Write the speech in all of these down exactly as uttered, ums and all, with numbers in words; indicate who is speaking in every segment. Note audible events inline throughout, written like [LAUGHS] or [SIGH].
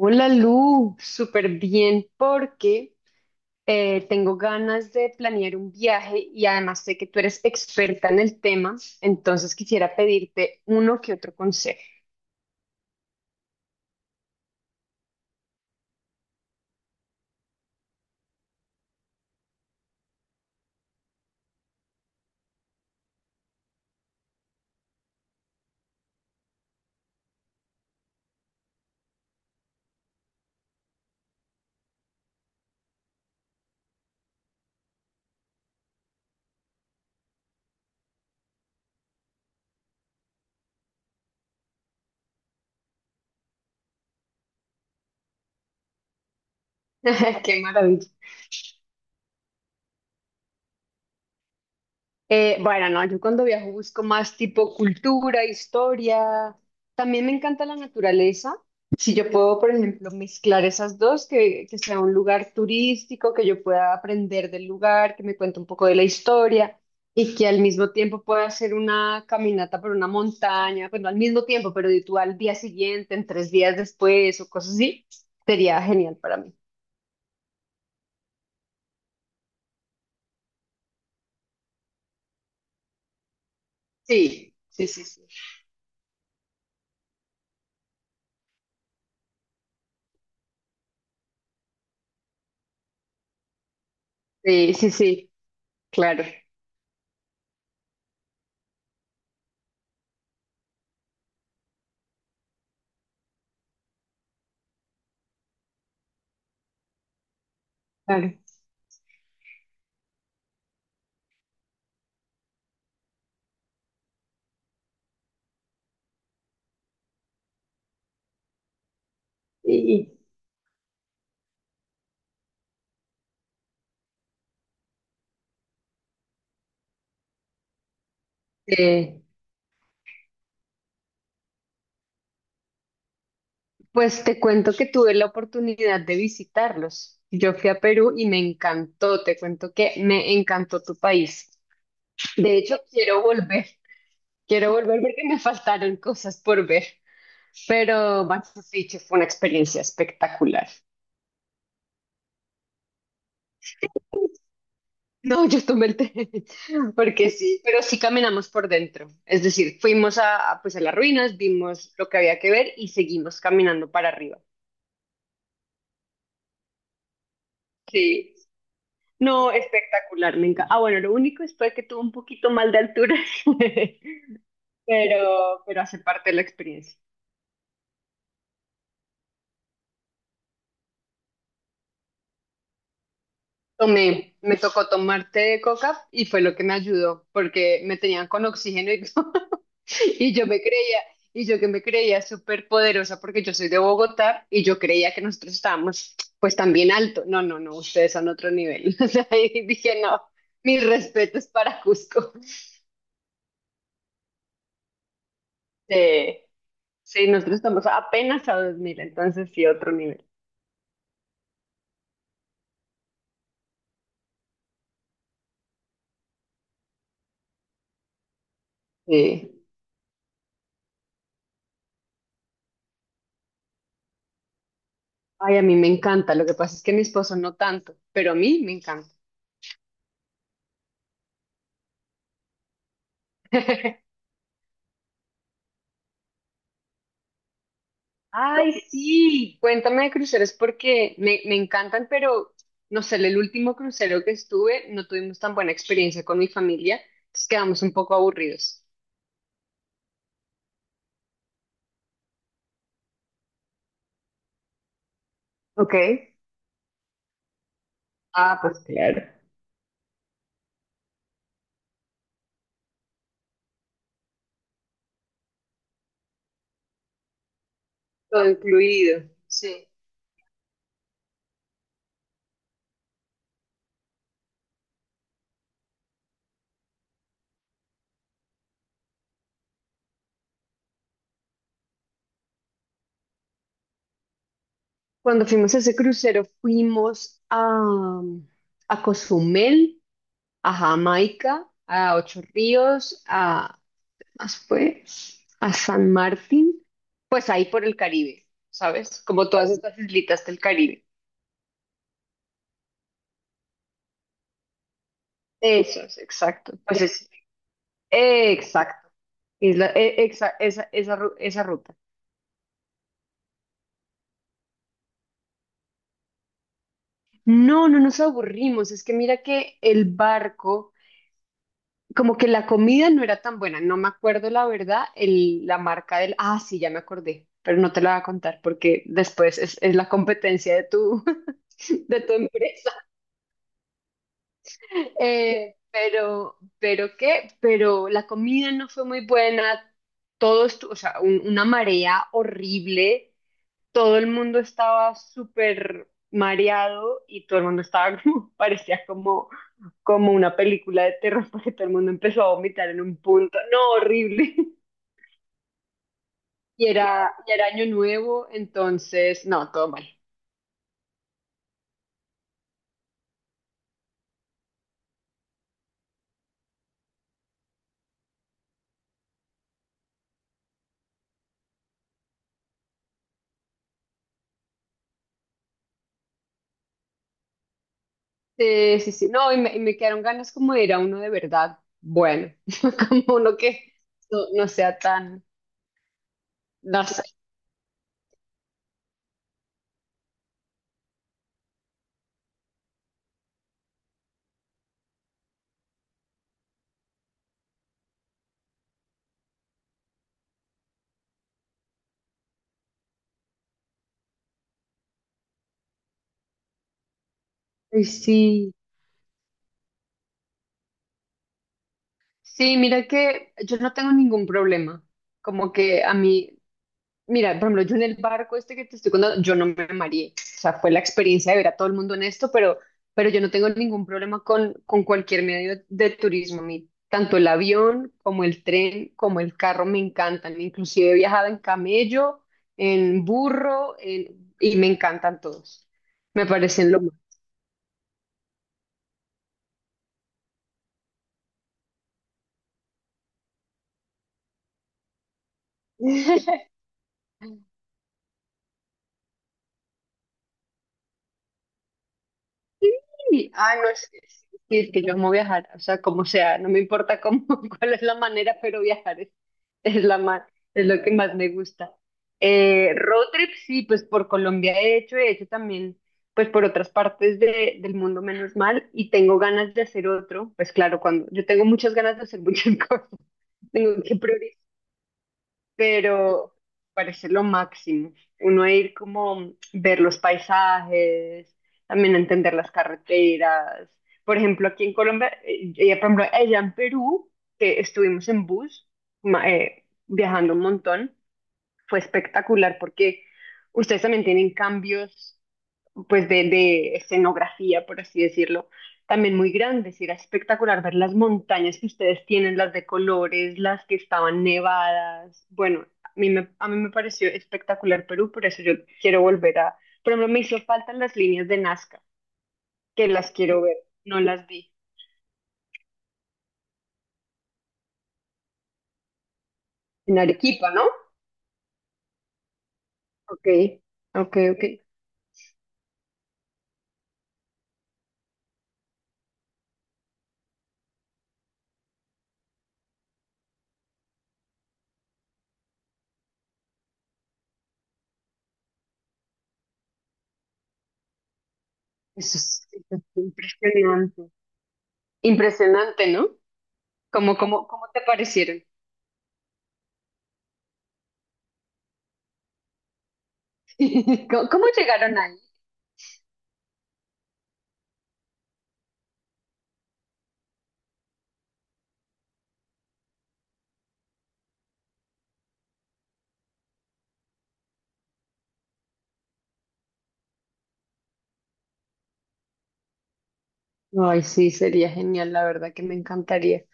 Speaker 1: Hola Lu, súper bien porque eh, tengo ganas de planear un viaje y además sé que tú eres experta en el tema, entonces quisiera pedirte uno que otro consejo. [LAUGHS] Qué maravilla. Eh, bueno, no, yo cuando viajo busco más tipo cultura, historia. También me encanta la naturaleza. Si yo puedo, por ejemplo, mezclar esas dos, que, que sea un lugar turístico, que yo pueda aprender del lugar, que me cuente un poco de la historia y que al mismo tiempo pueda hacer una caminata por una montaña, bueno, al mismo tiempo, pero tú al día siguiente, en tres días después o cosas así, sería genial para mí. Sí, sí, sí, sí. Sí, sí, sí, claro, claro. Y, y, eh, Pues te cuento que tuve la oportunidad de visitarlos. Yo fui a Perú y me encantó, te cuento que me encantó tu país. De hecho, quiero volver, quiero volver porque me faltaron cosas por ver, pero Machu Picchu fue una experiencia espectacular. No, yo tomé el té, [LAUGHS] porque sí, pero sí caminamos por dentro. Es decir, fuimos a, a, pues a las ruinas, vimos lo que había que ver y seguimos caminando para arriba. Sí. No, espectacular, me encanta. Ah, bueno, lo único es fue que tuvo un poquito mal de altura, [LAUGHS] pero, pero hace parte de la experiencia. Tomé, me tocó tomar té de coca y fue lo que me ayudó, porque me tenían con oxígeno y, [LAUGHS] y yo me creía, y yo que me creía súper poderosa porque yo soy de Bogotá y yo creía que nosotros estábamos pues también alto. No, no, no, ustedes son otro nivel. [LAUGHS] O sea, y dije, no, mis respetos para Cusco. Eh, sí, nosotros estamos apenas a dos mil, entonces sí, otro nivel. Sí. Ay, a mí me encanta. Lo que pasa es que mi esposo no tanto, pero a mí me encanta. [LAUGHS] Ay, sí. Cuéntame de cruceros porque me, me encantan, pero no sé, el último crucero que estuve no tuvimos tan buena experiencia con mi familia, entonces quedamos un poco aburridos. Ok. Ah, pues claro. Todo incluido. Sí. Cuando fuimos a ese crucero, fuimos a, a Cozumel, a Jamaica, a Ocho Ríos, a Después, a San Martín, pues ahí por el Caribe, ¿sabes? Como todas estas islitas del Caribe. Eso es, exacto. Pues es, exacto. Isla- e- exa- esa, esa, ru- esa ruta. No, no nos aburrimos. Es que mira que el barco, como que la comida no era tan buena. No me acuerdo la verdad, el, la marca del... Ah, sí, ya me acordé, pero no te la voy a contar porque después es, es la competencia de tu, [LAUGHS] de tu empresa. Eh, pero, pero qué, pero la comida no fue muy buena, todo estu- o sea, un- una marea horrible, todo el mundo estaba súper mareado y todo el mundo estaba como, [LAUGHS] parecía como, como una película de terror porque todo el mundo empezó a vomitar en un punto, no, horrible. [LAUGHS] Y era, y era año nuevo, entonces, no, todo mal. Sí, sí, sí. No, y me, y me quedaron ganas como de ir a uno de verdad. Bueno, [LAUGHS] como uno que no, no sea tan... No sé. Ay, sí, sí, mira que yo no tengo ningún problema. Como que a mí Mira, por ejemplo, yo en el barco este que te estoy contando, yo no me mareé. O sea, fue la experiencia de ver a todo el mundo en esto, pero, pero, yo no tengo ningún problema con, con cualquier medio de turismo. A mí, tanto el avión como el tren, como el carro me encantan. Inclusive he viajado en camello, en burro, en- y me encantan todos. Me parecen lo más. [LAUGHS] Sí. Ah, no es, es- sí, es que yo amo viajar, o sea, como sea, no me importa cómo, [LAUGHS] cuál es la manera, pero viajar es, es la más, es lo que más me gusta. Eh, road trip, sí, pues por Colombia he hecho, he hecho también, pues por otras partes de- del mundo, menos mal, y tengo ganas de hacer otro, pues claro, cuando yo tengo muchas ganas de hacer muchas [LAUGHS] cosas, tengo que priorizar pero parece lo máximo. Uno ir como ver los paisajes, también entender las carreteras. Por ejemplo, aquí en Colombia, eh, ella, por ejemplo, allá en Perú, que estuvimos en bus, ma- eh, viajando un montón, fue espectacular porque ustedes también tienen cambios pues de, de escenografía, por así decirlo, también muy grandes. Y era espectacular ver las montañas que ustedes tienen, las de colores, las que estaban nevadas. Bueno, a mí me, a mí me pareció espectacular Perú, por eso yo quiero volver a... Por ejemplo, me hizo falta las líneas de Nazca, que las quiero ver, no las vi. En Arequipa, ¿no? Ok, ok, ok. Eso es, eso es impresionante. Impresionante, ¿no? ¿Cómo, cómo, cómo te parecieron? [LAUGHS] ¿Cómo, cómo llegaron ahí? Ay, sí, sería genial, la verdad que me encantaría.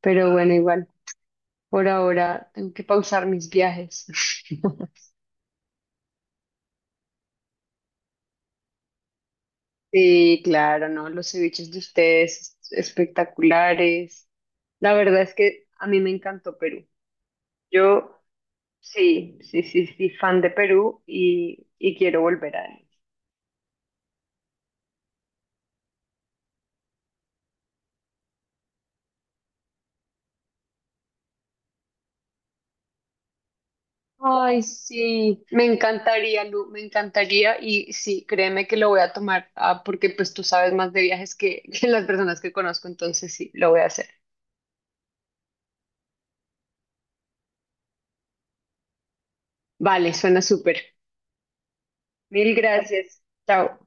Speaker 1: Pero bueno, igual, por ahora tengo que pausar mis viajes. [LAUGHS] Sí, claro, ¿no? Los ceviches de ustedes espectaculares. La verdad es que a mí me encantó Perú. Yo sí, sí, sí, sí, fan de Perú y, y quiero volver a él. Ay, sí, me encantaría, Lu, me encantaría y sí, créeme que lo voy a tomar, ah, porque pues tú sabes más de viajes que, [LAUGHS] que las personas que conozco, entonces sí, lo voy a hacer. Vale, suena súper. Mil gracias. Chao.